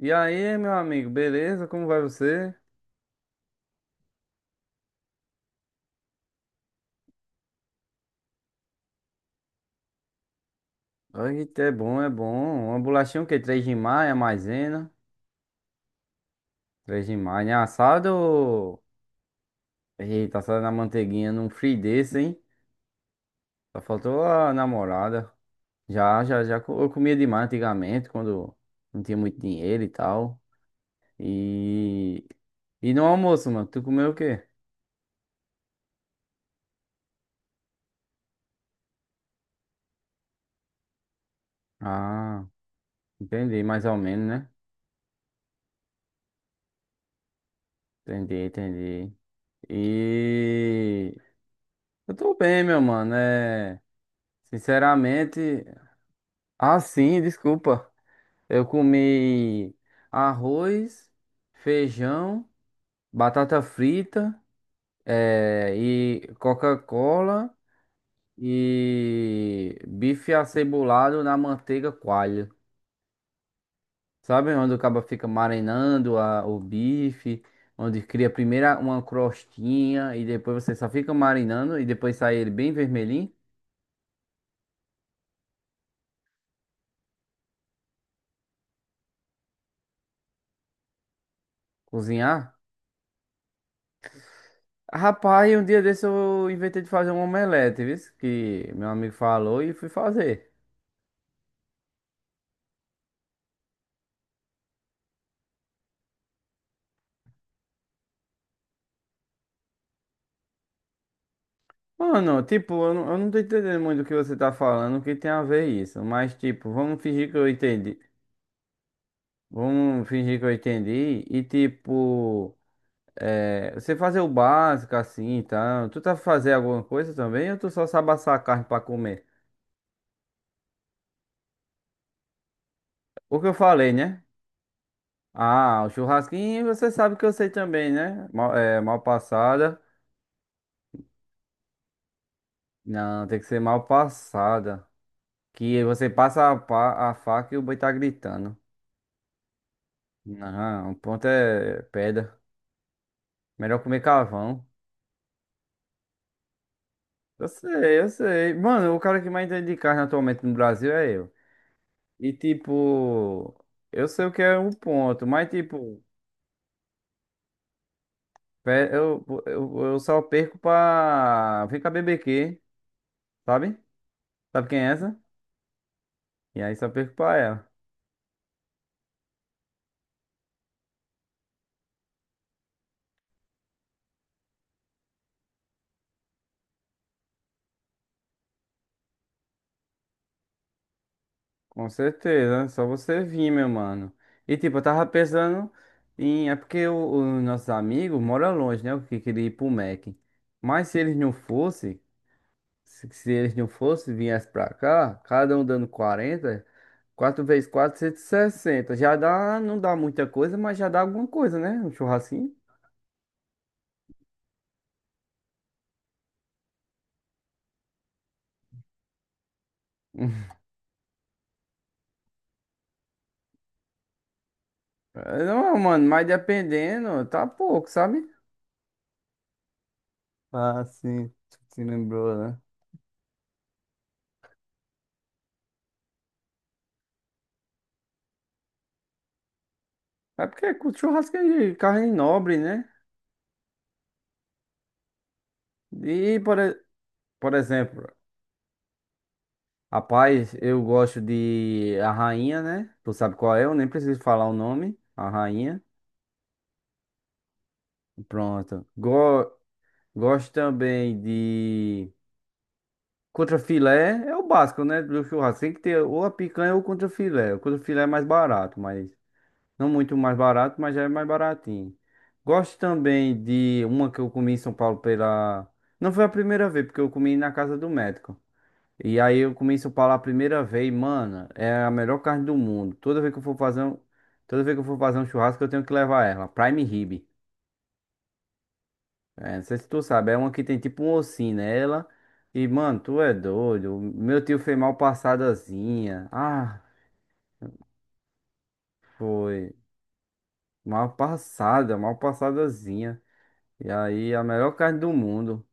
E aí, meu amigo, beleza? Como vai você? Ai, é bom, é bom. Uma bolachinha o quê? Três de maio, maisena. Três de maio, né? Assado ou. Eita, assado na manteiguinha num free desse, hein? Só faltou a namorada. Já, já, já. Eu comia demais antigamente, quando não tinha muito dinheiro e tal. E... E no almoço, mano, tu comeu o quê? Ah, entendi, mais ou menos, né? Entendi, entendi. E... Eu tô bem, meu mano, sinceramente, ah, sim, desculpa. Eu comi arroz, feijão, batata frita, e Coca-Cola e bife acebolado na manteiga coalho. Sabe onde o cabo fica marinando o bife, onde cria primeiro uma crostinha e depois você só fica marinando e depois sai ele bem vermelhinho, cozinhar? Rapaz, um dia desse eu inventei de fazer um omelete, viu? Que meu amigo falou e fui fazer. Mano, tipo, eu não tô entendendo muito o que você tá falando, o que tem a ver isso. Mas, tipo, vamos fingir que eu entendi. Vamos fingir que eu entendi. E, tipo, você fazer o básico assim e tal. Tu tá fazer alguma coisa também ou tu só sabe assar a carne pra comer? O que eu falei, né? Ah, o churrasquinho você sabe que eu sei também, né? Mal, mal passada. Não, tem que ser mal passada. Que você passa a faca e o boi tá gritando. Não, o ponto é pedra. Melhor comer carvão. Eu sei, eu sei. Mano, o cara que mais entende de carne atualmente no Brasil é eu. E tipo, eu sei o que é um ponto, mas tipo, eu só perco pra. Vem cá, BBQ, sabe? Sabe quem é essa? E aí só perco pra ela. Com certeza, é só você vir, meu mano. E tipo, eu tava pensando em. É porque os nossos amigos moram longe, né? O que queria ir pro Mac. Mas se eles não fossem, se eles não fossem, viessem pra cá, cada um dando 40, 4 vezes 4, 160, já dá, não dá muita coisa, mas já dá alguma coisa, né? Um churrasquinho. É, não, mano, mas dependendo, tá pouco, sabe? Ah, sim, tu se lembrou, né? É porque com churrasco é de carne nobre, né? E por exemplo, rapaz, eu gosto de A Rainha, né? Tu sabe qual é, eu nem preciso falar o nome. A Rainha. Pronto. Gosto também de contrafilé, é o básico, né? Do churrasco. Tem que ter ou a picanha ou o contrafilé. O contrafilé é mais barato, mas não muito mais barato, mas já é mais baratinho. Gosto também de uma que eu comi em São Paulo pela. Não foi a primeira vez, porque eu comi na casa do médico. E aí eu comi isso para lá a primeira vez, mano, é a melhor carne do mundo. Toda vez que eu for fazer um churrasco, eu tenho que levar ela, Prime Rib. É, não sei se tu sabe, é uma que tem tipo um ossinho nela. E, mano, tu é doido. Meu tio fez mal passadazinha. Ah, foi. Mal passada, mal passadazinha. E aí, a melhor carne do mundo.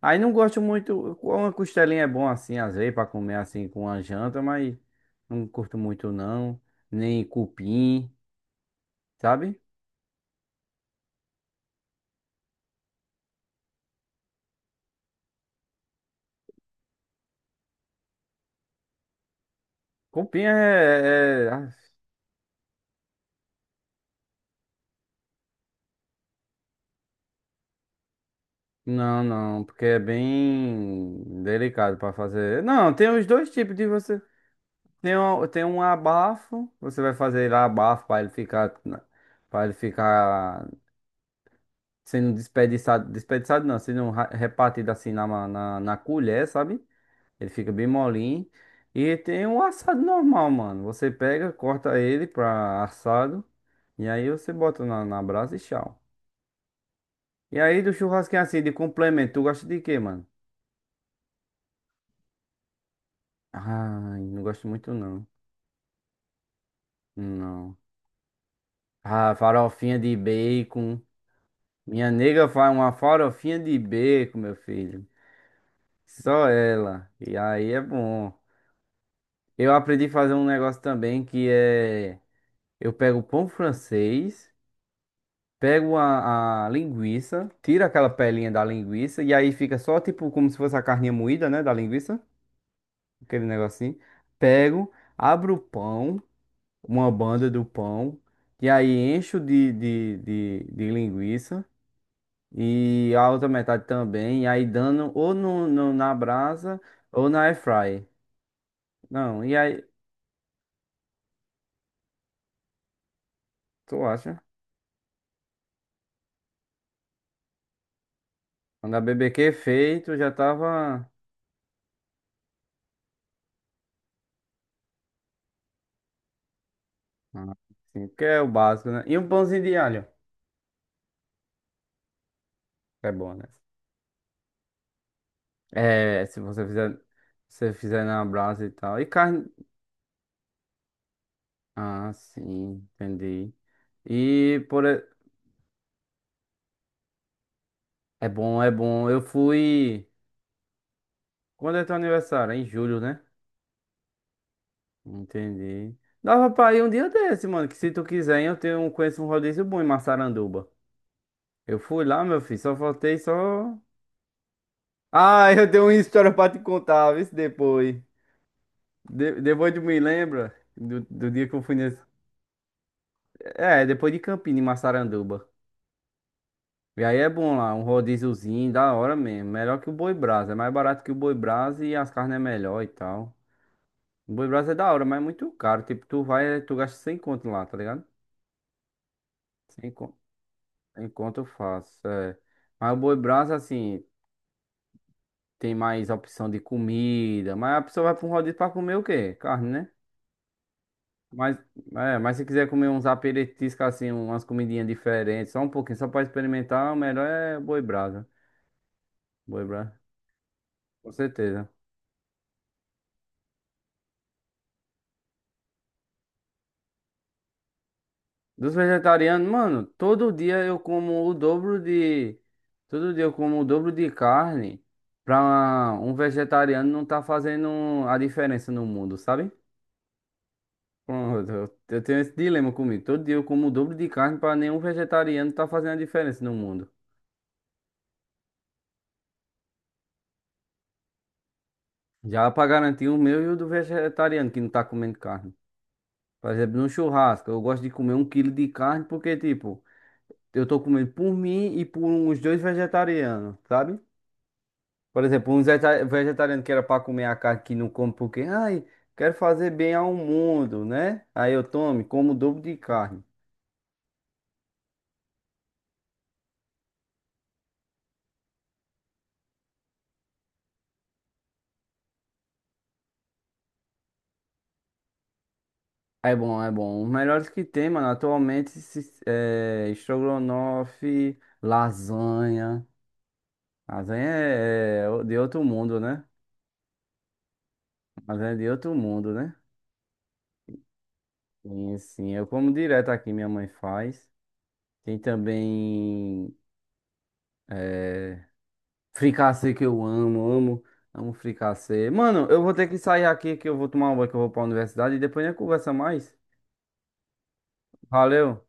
Aí não gosto muito. Uma costelinha é bom assim, às vezes, pra comer assim com a janta, mas não curto muito não nem cupim. Sabe? Cupim. Não, não, porque é bem delicado pra fazer. Não, tem os dois tipos de você. Tem um abafo, você vai fazer lá abafo para ele ficar sendo desperdiçado, desperdiçado não, sendo repartido assim na colher, sabe? Ele fica bem molinho. E tem um assado normal, mano. Você pega, corta ele pra assado e aí você bota na brasa e tchau. E aí, do churrasquinho assim, de complemento, tu gosta de quê, mano? Ai, não gosto muito não. Não. Ah, farofinha de bacon. Minha nega faz uma farofinha de bacon, meu filho. Só ela. E aí é bom. Eu aprendi a fazer um negócio também que é. Eu pego o pão francês, pego a linguiça, tiro aquela pelinha da linguiça, e aí fica só tipo como se fosse a carninha moída, né? Da linguiça. Aquele negocinho. Pego, abro o pão. Uma banda do pão, e aí encho de linguiça e a outra metade também, e aí dando ou na brasa ou na air fry. Não, e aí, tu acha? Quando a BBQ feito, já tava ah, assim, que é o básico, né? E um pãozinho de alho, que é bom, né? É, se você fizer na brasa e tal. E carne. Ah, sim, entendi. E por. É bom, é bom. Eu fui. Quando é teu aniversário? Em julho, né? Entendi. Dava pra ir um dia desse, mano. Que se tu quiser, conheço um rodízio bom em Massaranduba. Eu fui lá, meu filho, só faltei só. Ah, eu tenho uma história pra te contar, vê se depois. Depois tu me lembra do dia que eu fui nesse. É, depois de Campina, em Massaranduba. E aí é bom lá, um rodíziozinho, da hora mesmo. Melhor que o Boi Brasa. É mais barato que o Boi Brasa e as carnes é melhor e tal. O Boi Brasa é da hora, mas é muito caro. Tipo, tu vai, tu gasta 100 conto lá, tá ligado? Cem. Enquanto eu faço, é. Mas o Boi Brasa, assim, tem mais opção de comida. Mas a pessoa vai pra um rodízio pra comer o quê? Carne, né? Mas, mas se quiser comer uns aperitivos, assim, umas comidinhas diferentes, só um pouquinho, só pra experimentar, o melhor é Boi Brasa. Boi Brasa, com certeza. Dos vegetarianos, mano, todo dia eu como o dobro de. Todo dia eu como o dobro de carne pra um vegetariano não tá fazendo a diferença no mundo, sabe? Bom, eu tenho esse dilema comigo. Todo dia eu como o dobro de carne para nenhum vegetariano tá fazendo a diferença no mundo. Já para garantir o meu e o do vegetariano que não tá comendo carne. Por exemplo, no churrasco, eu gosto de comer um quilo de carne porque, tipo, eu tô comendo por mim e por uns dois vegetarianos, sabe? Por exemplo, um vegetariano que era para comer a carne que não come porque, ai, quero fazer bem ao mundo, né? Aí eu tomo, e como o dobro de carne. É bom, é bom. Os melhores que tem, mano, atualmente é estrogonofe, lasanha. Lasanha é de outro mundo, né? Lasanha é de outro mundo, né? Sim, sim. Eu como direto aqui, minha mãe faz. Tem também é, fricassê que eu amo, amo, amo fricassê. Mano, eu vou ter que sair aqui que eu vou tomar um banho que eu vou pra universidade e depois a gente conversa mais. Valeu.